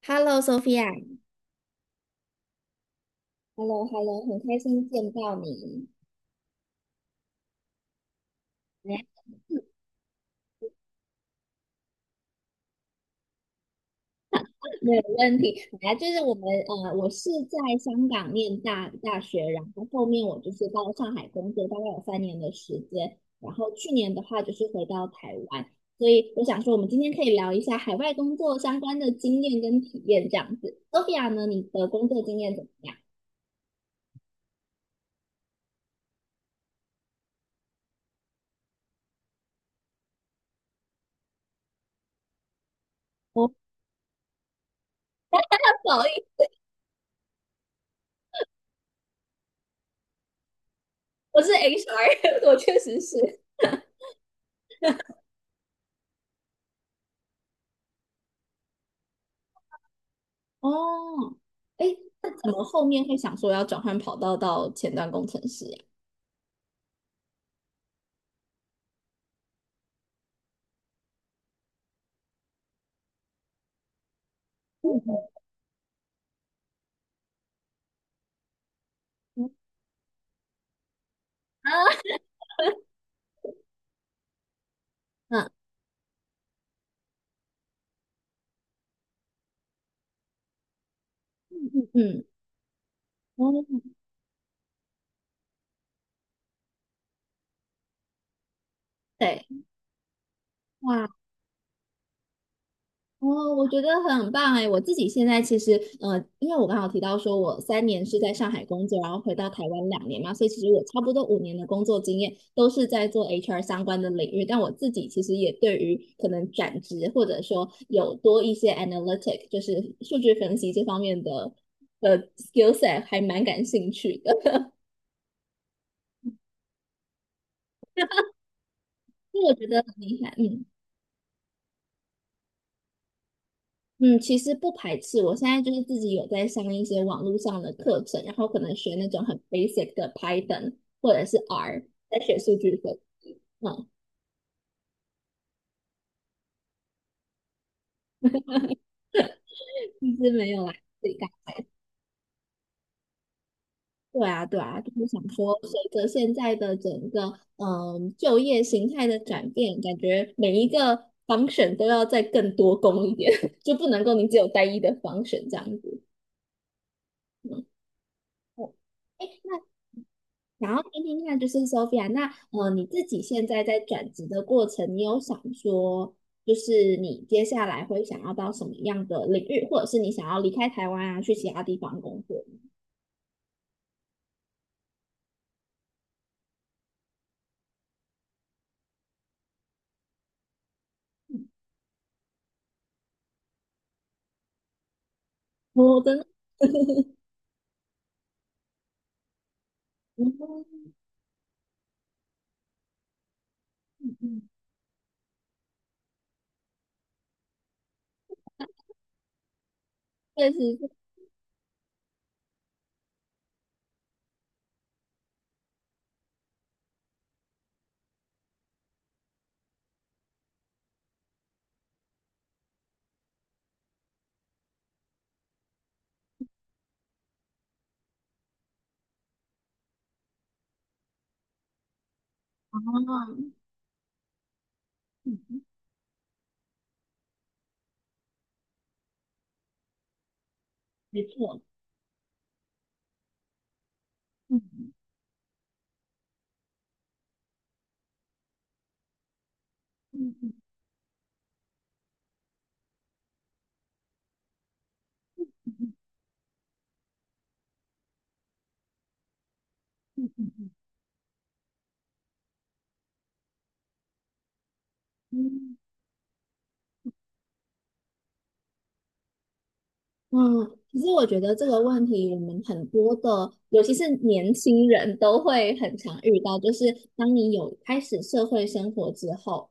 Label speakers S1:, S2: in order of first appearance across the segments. S1: Hello,Sophia,h e l l o h e l l o 很开心见到你。哎，没有问题。本来，我是在香港念大学，然后后面我就是到上海工作，大概有三年的时间。然后去年的话就是回到台湾，所以我想说，我们今天可以聊一下海外工作相关的经验跟体验这样子。Sophia 呢，你的工作经验怎么样？我不好意思，我是 HR，我确实是。哦。哎，那怎么后面会想说要转换跑道到前端工程师呀？嗯。嗯。啊。嗯嗯嗯。哦。对。哇。哦，我觉得很棒哎！我自己现在其实，因为我刚好提到说，我三年是在上海工作，然后回到台湾两年嘛，所以其实我差不多五年的工作经验都是在做 HR 相关的领域。但我自己其实也对于可能转职或者说有多一些 analytic，就是数据分析这方面的skill set 还蛮感兴趣的。所以我觉得很厉害，嗯。嗯，其实不排斥。我现在就是自己有在上一些网络上的课程，然后可能学那种很 basic 的 Python 或者是 R，在学数据分析。嗯，一直没有来自己干。对啊，对啊，就是想说，随着现在的整个就业形态的转变，感觉每一个 function 都要再更多工一点，就不能够你只有单一的 function 这样子。嗯。我哎，那然后听听看，就是 Sophia，那你自己现在在转职的过程，你有想说，就是你接下来会想要到什么样的领域，或者是你想要离开台湾啊，去其他地方工作？我真的。嗯嗯嗯。确实是啊。嗯。嗯。没错。嗯嗯嗯嗯嗯。嗯嗯，其实我觉得这个问题，我们很多的，尤其是年轻人都会很常遇到，就是当你有开始社会生活之后，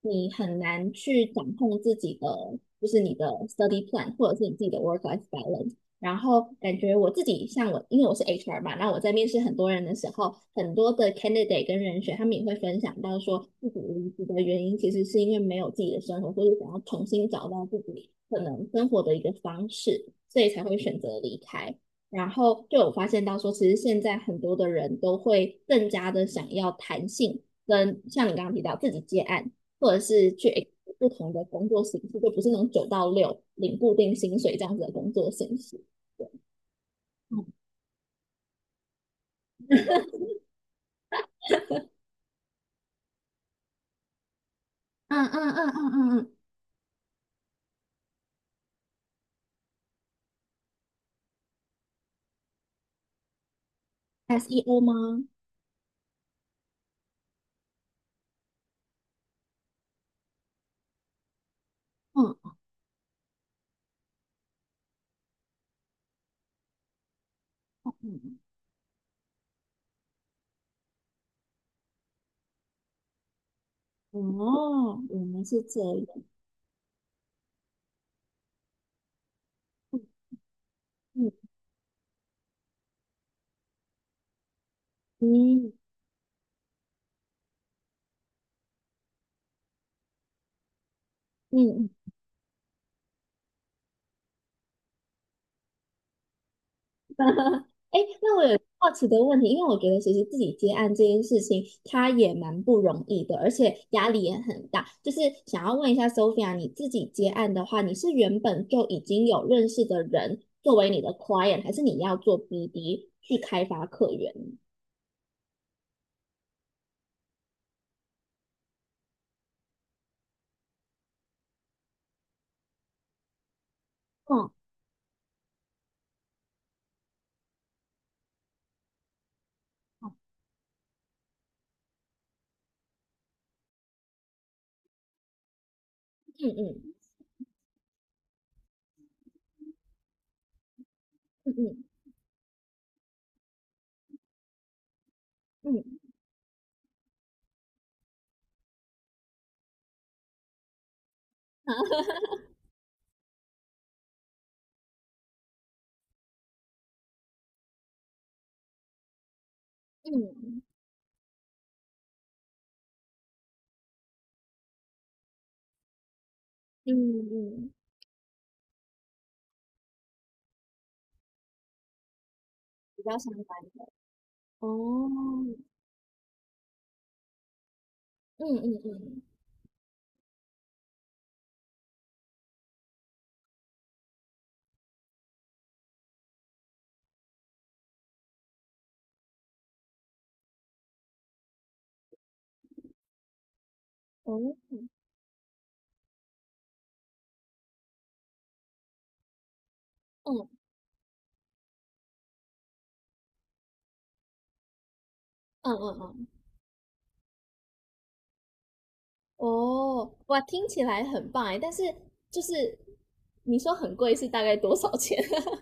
S1: 你很难去掌控自己的，就是你的 study plan 或者是你自己的 work life balance。然后感觉我自己像我，因为我是 HR 嘛，那我在面试很多人的时候，很多的 candidate 跟人选，他们也会分享到说，自己离职的原因其实是因为没有自己的生活，所以想要重新找到自己可能生活的一个方式，所以才会选择离开。然后就有发现到说，其实现在很多的人都会更加的想要弹性，跟像你刚刚提到自己接案，或者是去不同的工作形式，就不是那种九到六领固定薪水这样子的工作形式。嗯嗯嗯嗯嗯嗯。SEO 吗？嗯。哦。嗯嗯。哦，我们是这样。嗯嗯嗯。哎那我有好奇的问题，因为我觉得其实自己接案这件事情，它也蛮不容易的，而且压力也很大。就是想要问一下 Sophia，你自己接案的话，你是原本就已经有认识的人作为你的 client，还是你要做 BD 去开发客源？嗯嗯嗯嗯嗯嗯。嗯。好，嗯。嗯嗯。比较相关的。哦。嗯嗯嗯。哦。嗯嗯嗯嗯。哦。哇，听起来很棒哎，但是就是你说很贵是大概多少钱？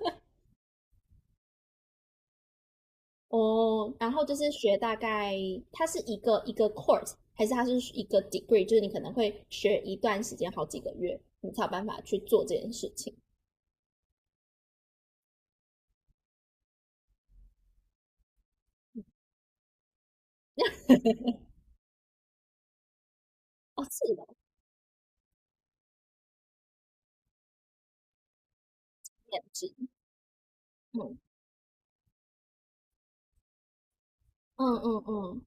S1: 哦，然后就是学大概，它是一个一个 course，还是它是一个 degree？就是你可能会学一段时间，好几个月，你才有办法去做这件事情。哦，是的。面试。嗯嗯嗯嗯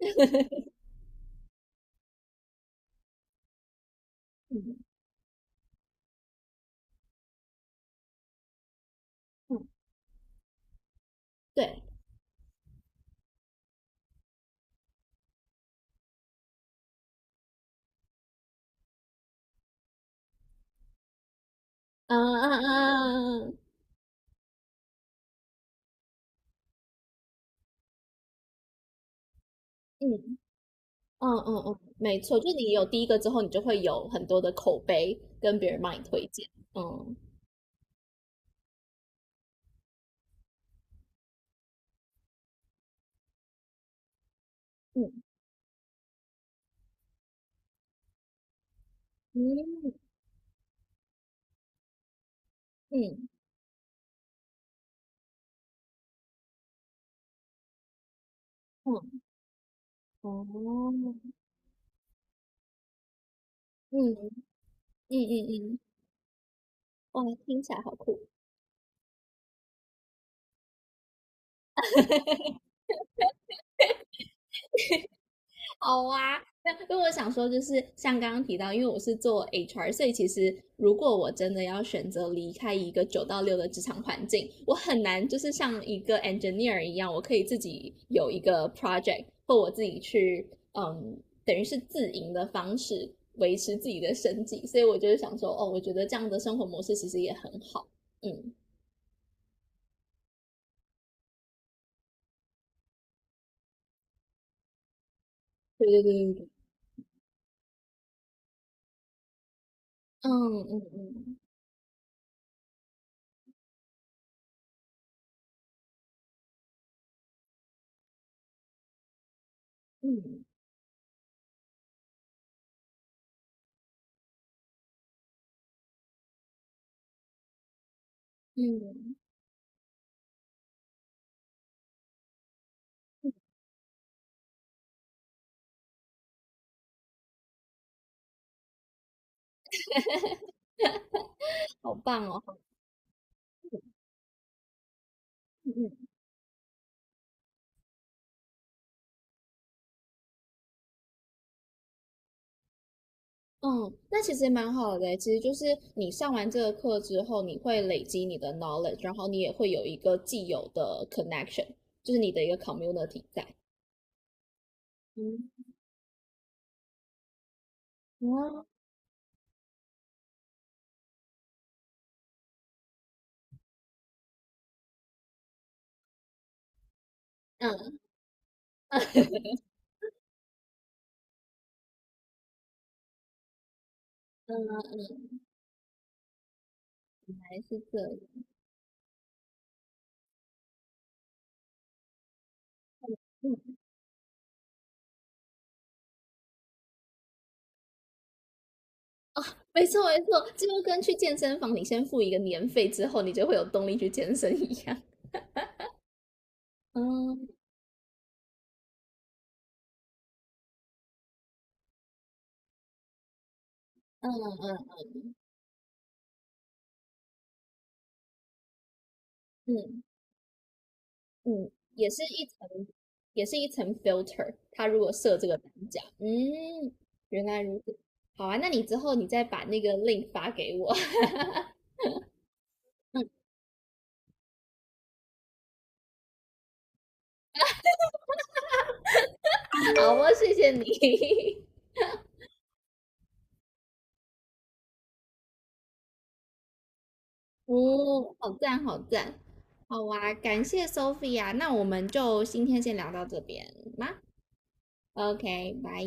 S1: 嗯嗯。对。嗯嗯嗯嗯嗯。嗯嗯嗯嗯，没错，就你有第一个之后，你就会有很多的口碑跟别人帮你推荐。嗯嗯嗯嗯嗯。哦。嗯嗯嗯嗯。哇，听起来好酷。好啊。那因为我想说，就是像刚刚提到，因为我是做 HR，所以其实如果我真的要选择离开一个九到六的职场环境，我很难就是像一个 engineer 一样，我可以自己有一个 project，或我自己去，嗯，等于是自营的方式维持自己的生计。所以我就是想说，哦，我觉得这样的生活模式其实也很好。嗯。对对对对对。嗯嗯嗯嗯嗯。好棒哦！嗯嗯嗯。那其实也蛮好的欸，其实就是你上完这个课之后，你会累积你的 knowledge，然后你也会有一个既有的 connection，就是你的一个 community 在。嗯。哦。嗯。原来是这样。嗯，没错没错，这就跟去健身房，你先付一个年费之后，你就会有动力去健身一样。嗯嗯嗯嗯嗯嗯。也是一层，也是一层 filter。它如果设这个单价，嗯，原来如此。好啊，那你之后你再把那个 link 发给我。好哦，谢谢你。哦，好赞，好赞。好啊，感谢 Sophia。那我们就今天先聊到这边吗？OK，拜。